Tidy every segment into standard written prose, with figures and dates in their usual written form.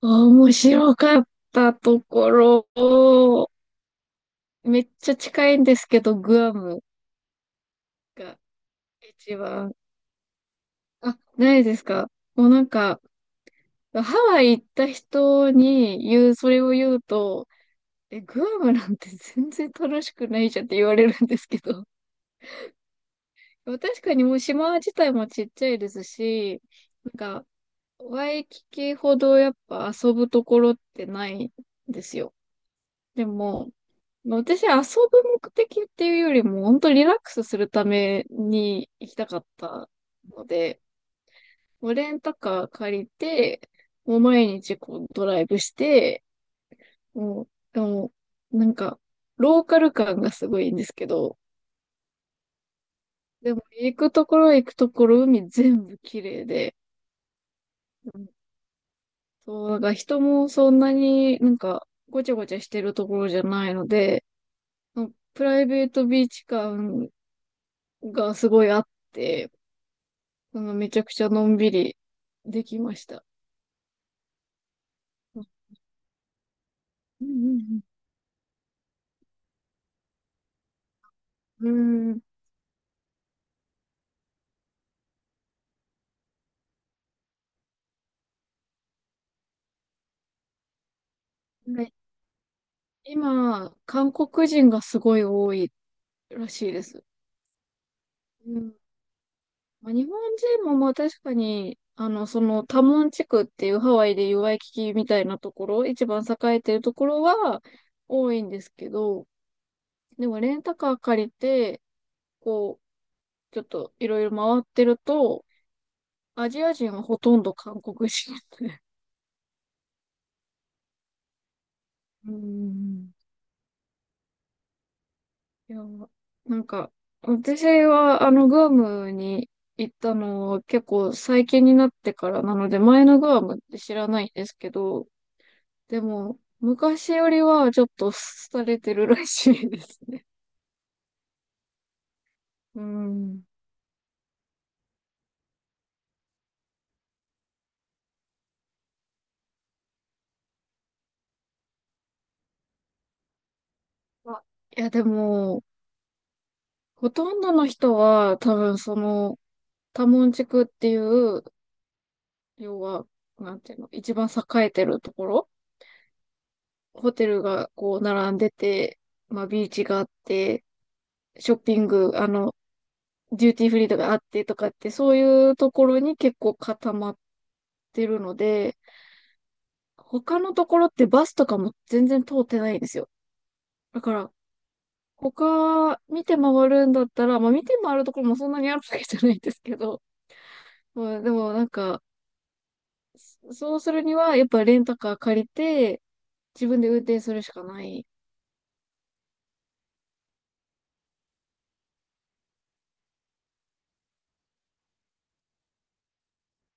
面白かったところ、めっちゃ近いんですけど、グアムが一番。あ、ないですか。もうなんか、ハワイ行った人に言う、それを言うと、え、グアムなんて全然楽しくないじゃんって言われるんですけど。まあ確かにもう島自体もちっちゃいですし、なんか、ワイキキほどやっぱ遊ぶところってないんですよ。でも、まあ私、遊ぶ目的っていうよりも、本当リラックスするために行きたかったので、もうレンタカー借りて、もう毎日こうドライブして、もう、でも、なんか、ローカル感がすごいんですけど、でも行くところ行くところ海全部綺麗で、うん、そう、なんか人もそんなになんかごちゃごちゃしてるところじゃないので、うん、プライベートビーチ感がすごいあって、そのめちゃくちゃのんびりできました。うんうんうん。うん。はい、今、韓国人がすごい多いらしいです。うん。まあ、日本人もまあ確かに、そのタモン地区っていうハワイでいうワイキキみたいなところ、一番栄えてるところは多いんですけど、でもレンタカー借りて、こう、ちょっといろいろ回ってると、アジア人はほとんど韓国人で。うんうん、いや、なんか、私は、グアムに行ったのは結構最近になってからなので、前のグアムって知らないんですけど、でも、昔よりはちょっと廃れてるらしいですね。うん。まあ、いや、でも、ほとんどの人は多分その、タモン地区っていう、要は、なんていうの、一番栄えてるところ、ホテルがこう並んでて、まあ、ビーチがあって、ショッピング、デューティーフリーとかあってとかって、そういうところに結構固まってるので、他のところってバスとかも全然通ってないんですよ。だから、他見て回るんだったら、まあ見て回るところもそんなにあるわけじゃないんですけど、まあでもなんか、そうするにはやっぱレンタカー借りて、自分で運転するしかない。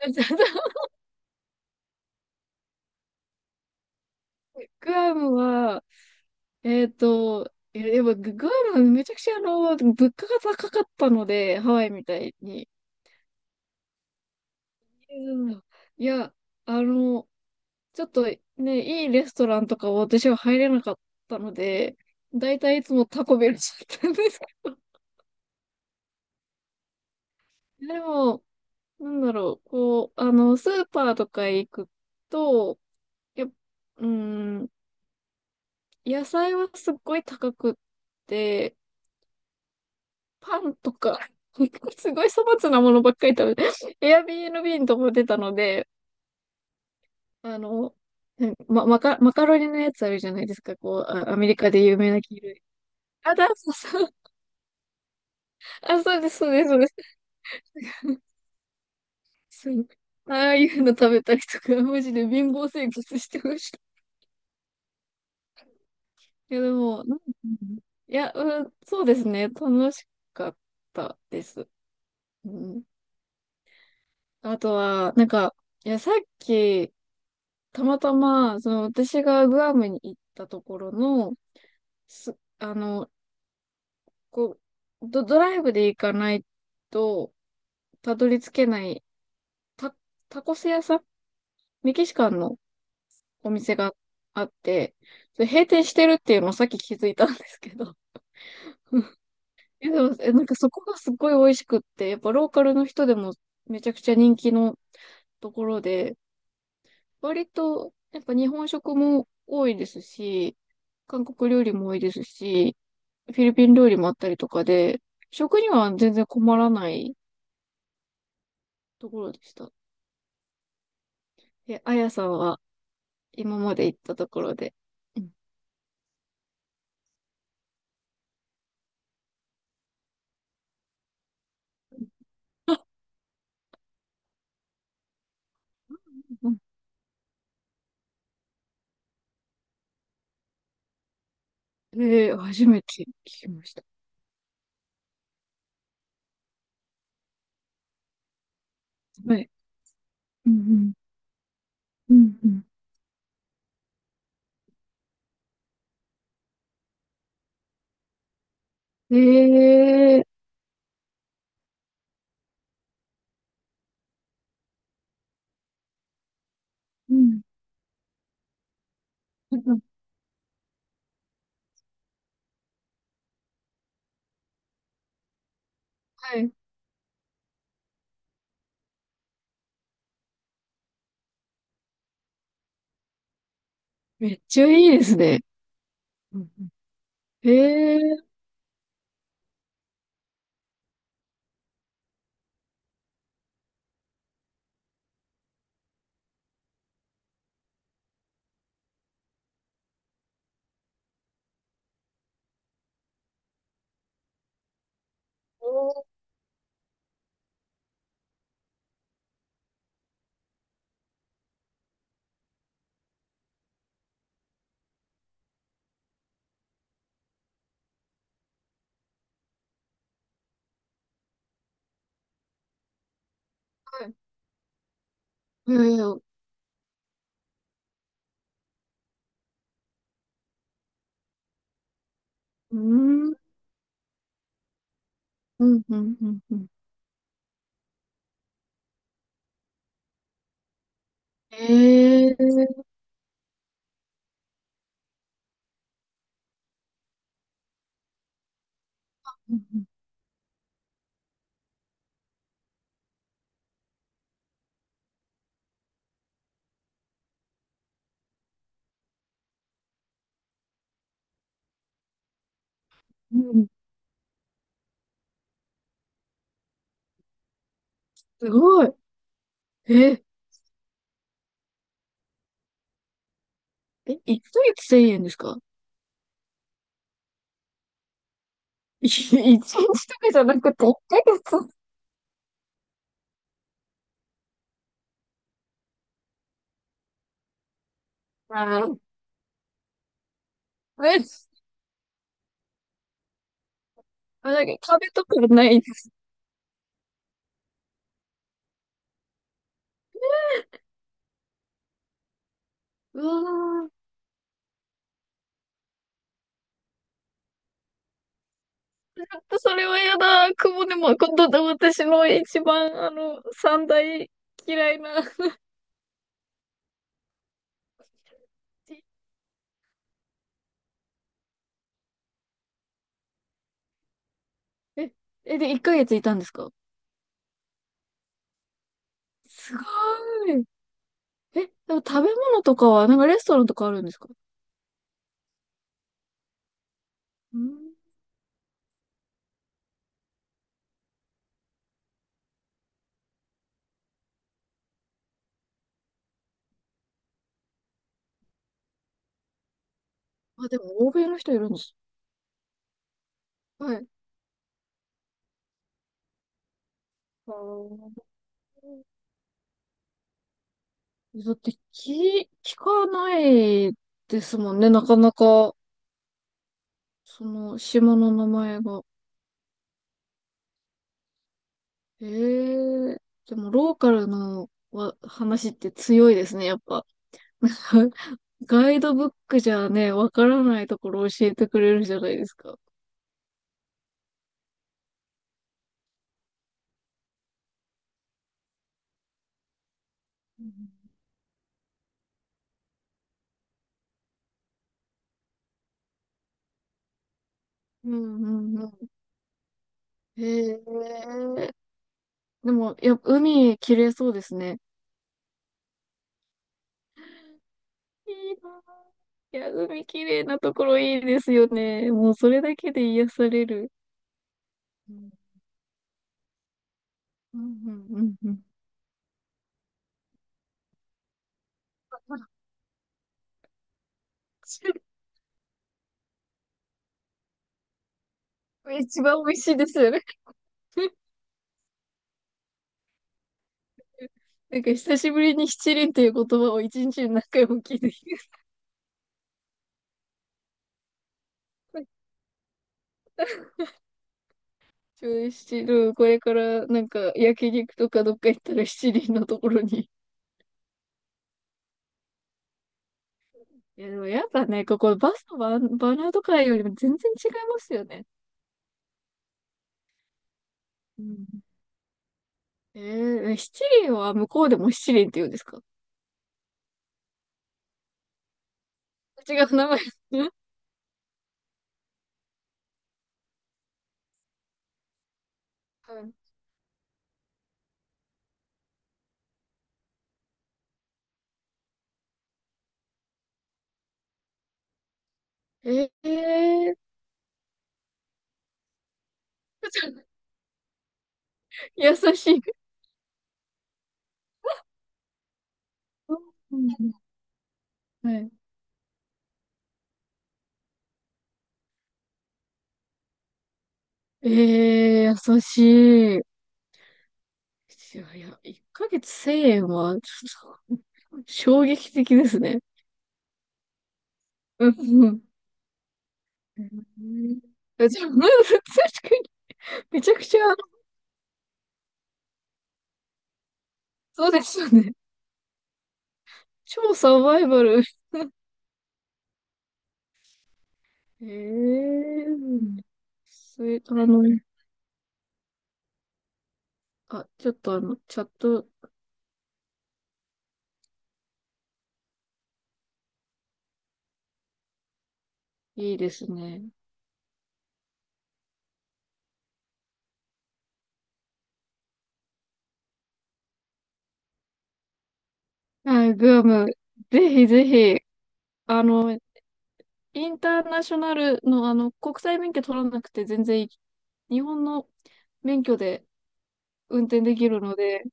グアムは、いや、やっぱグアムめちゃくちゃ物価が高かったので、ハワイみたいに。うん、いや、あの、ちょっとね、いいレストランとかは私は入れなかったので、だいたいいつもタコベルだったんですけど、でも、なんだろう、こう、スーパーとか行くと、やっ、うん、野菜はすっごい高くって、パンとか、すごい粗末なものばっかり食べて、Airbnb とも出たので、あの、マカロニのやつあるじゃないですか、こう、アメリカで有名な黄色い。そうそう。あ、そうです、そうです、そうです。そう。ああいうの食べたりとか、マジで貧乏生活してました。いや、でも、いや、うん、そうですね。楽しかったです。うん。あとは、なんか、いや、さっき、たまたま、その、私がグアムに行ったところの、す、あの、こドライブで行かないと、たどり着けない、タ、タコス屋さん、メキシカンのお店があって、それ閉店してるっていうのをさっき気づいたんですけど、え、でも、え、なんかそこがすごい美味しくって、やっぱローカルの人でもめちゃくちゃ人気のところで、割とやっぱ日本食も多いですし、韓国料理も多いですし、フィリピン料理もあったりとかで、食には全然困らないところでした。え、あやさんは今まで行ったところで。うんうん、えー、初めて聞きました。はい。うんうんうんうん。ええ、うん。うん、はい。めっちゃいいですね。うんうん、ええ、おーい。えー、うん、うん、うん、うん、うん。ええ、うんうんうん、すごい。えー、え、1ヶ月1000ですか。い 一日とかじゃなくて1ヶ月。あー、え、あ、なんか壁とかないです。うわー、ちょっとそれは嫌だ。雲でも、今度私の一番、三大嫌いな。え、え、で、1ヶ月いたんですか。すごーい。え、でも食べ物とかは、なんかレストランとかあるんですか。うん。あ、でも欧米の人いるんです。はい。あー、だって聞、聞かないですもんね、なかなか、その島の名前が。ええ、でもローカルの話って強いですね、やっぱ。ガイドブックじゃね、わからないところ教えてくれるじゃないですか。うんうんうんうん、へえ。でも、やっぱ海綺麗そうですね。いいなあ。いや、海綺麗なところいいですよね。もうそれだけで癒される。うん、うん、うん、うん。一番美味しいですよね。なんか久しぶりに七輪っていう言葉を一日に何回も聞いてきました。ちょう七輪、これからなんか焼肉とかどっか行ったら七輪のところに。いや、でもやっぱね、ここバスのバ、バナーとかよりも全然違いますよね。うん、えー、え、七輪は向こうでも七輪って言うんですか。違う名前。うん、はい、えー、優しい。うん、はい、えー、優しい。いやいや、1ヶ月千円は、ちょっと、衝撃的ですね。うん。うん、え、じゃあ、うん、確かに、めちゃくちゃ、そうですよね。超サバイバル。ええー、それ、あ、ちょっとあの、チャットいいですね。はい、グアム。ぜひぜひ、あの、インターナショナルの、国際免許取らなくて全然いい、日本の免許で運転できるので、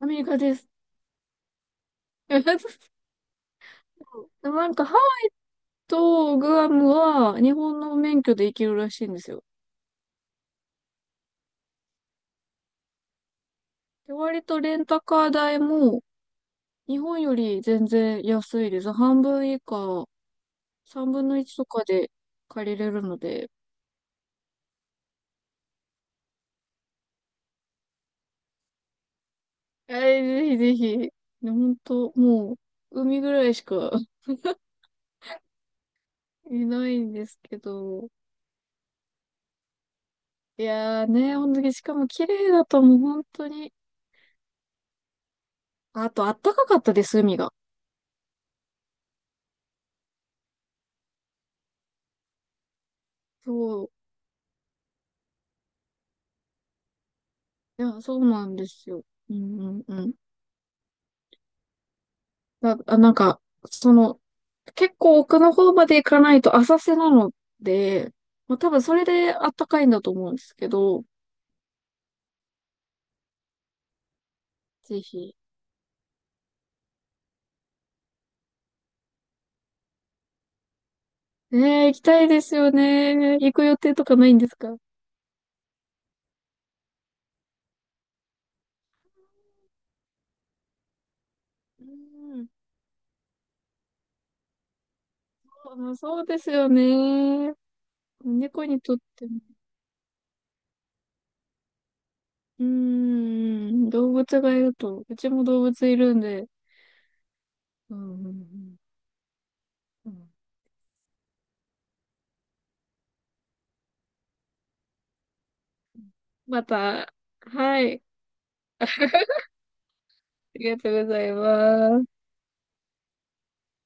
アメリカです。そう、でもなんか、ハワイとグアムは日本の免許で行けるらしいんですよ。で、割とレンタカー代も日本より全然安いです。半分以下、3分の1とかで借りれるので、えー、ぜひぜひ。ね、当もう、海ぐらいしか いないんですけど。いやーね、ほんとに、しかも綺麗だともう本当に。あと、あったかかったです、海が。そう。いや、そうなんですよ。うんうんうん。なんか、その、結構奥の方まで行かないと浅瀬なので、まあ多分それであったかいんだと思うんですけど、ぜひ。ねえ、行きたいですよね。行く予定とかないんですか。うんうん、そうですよね。猫にとっても。うーん、動物がいると、うちも動物いるんで。うん、うん、うん。うん、また、はい、ありがとうございます。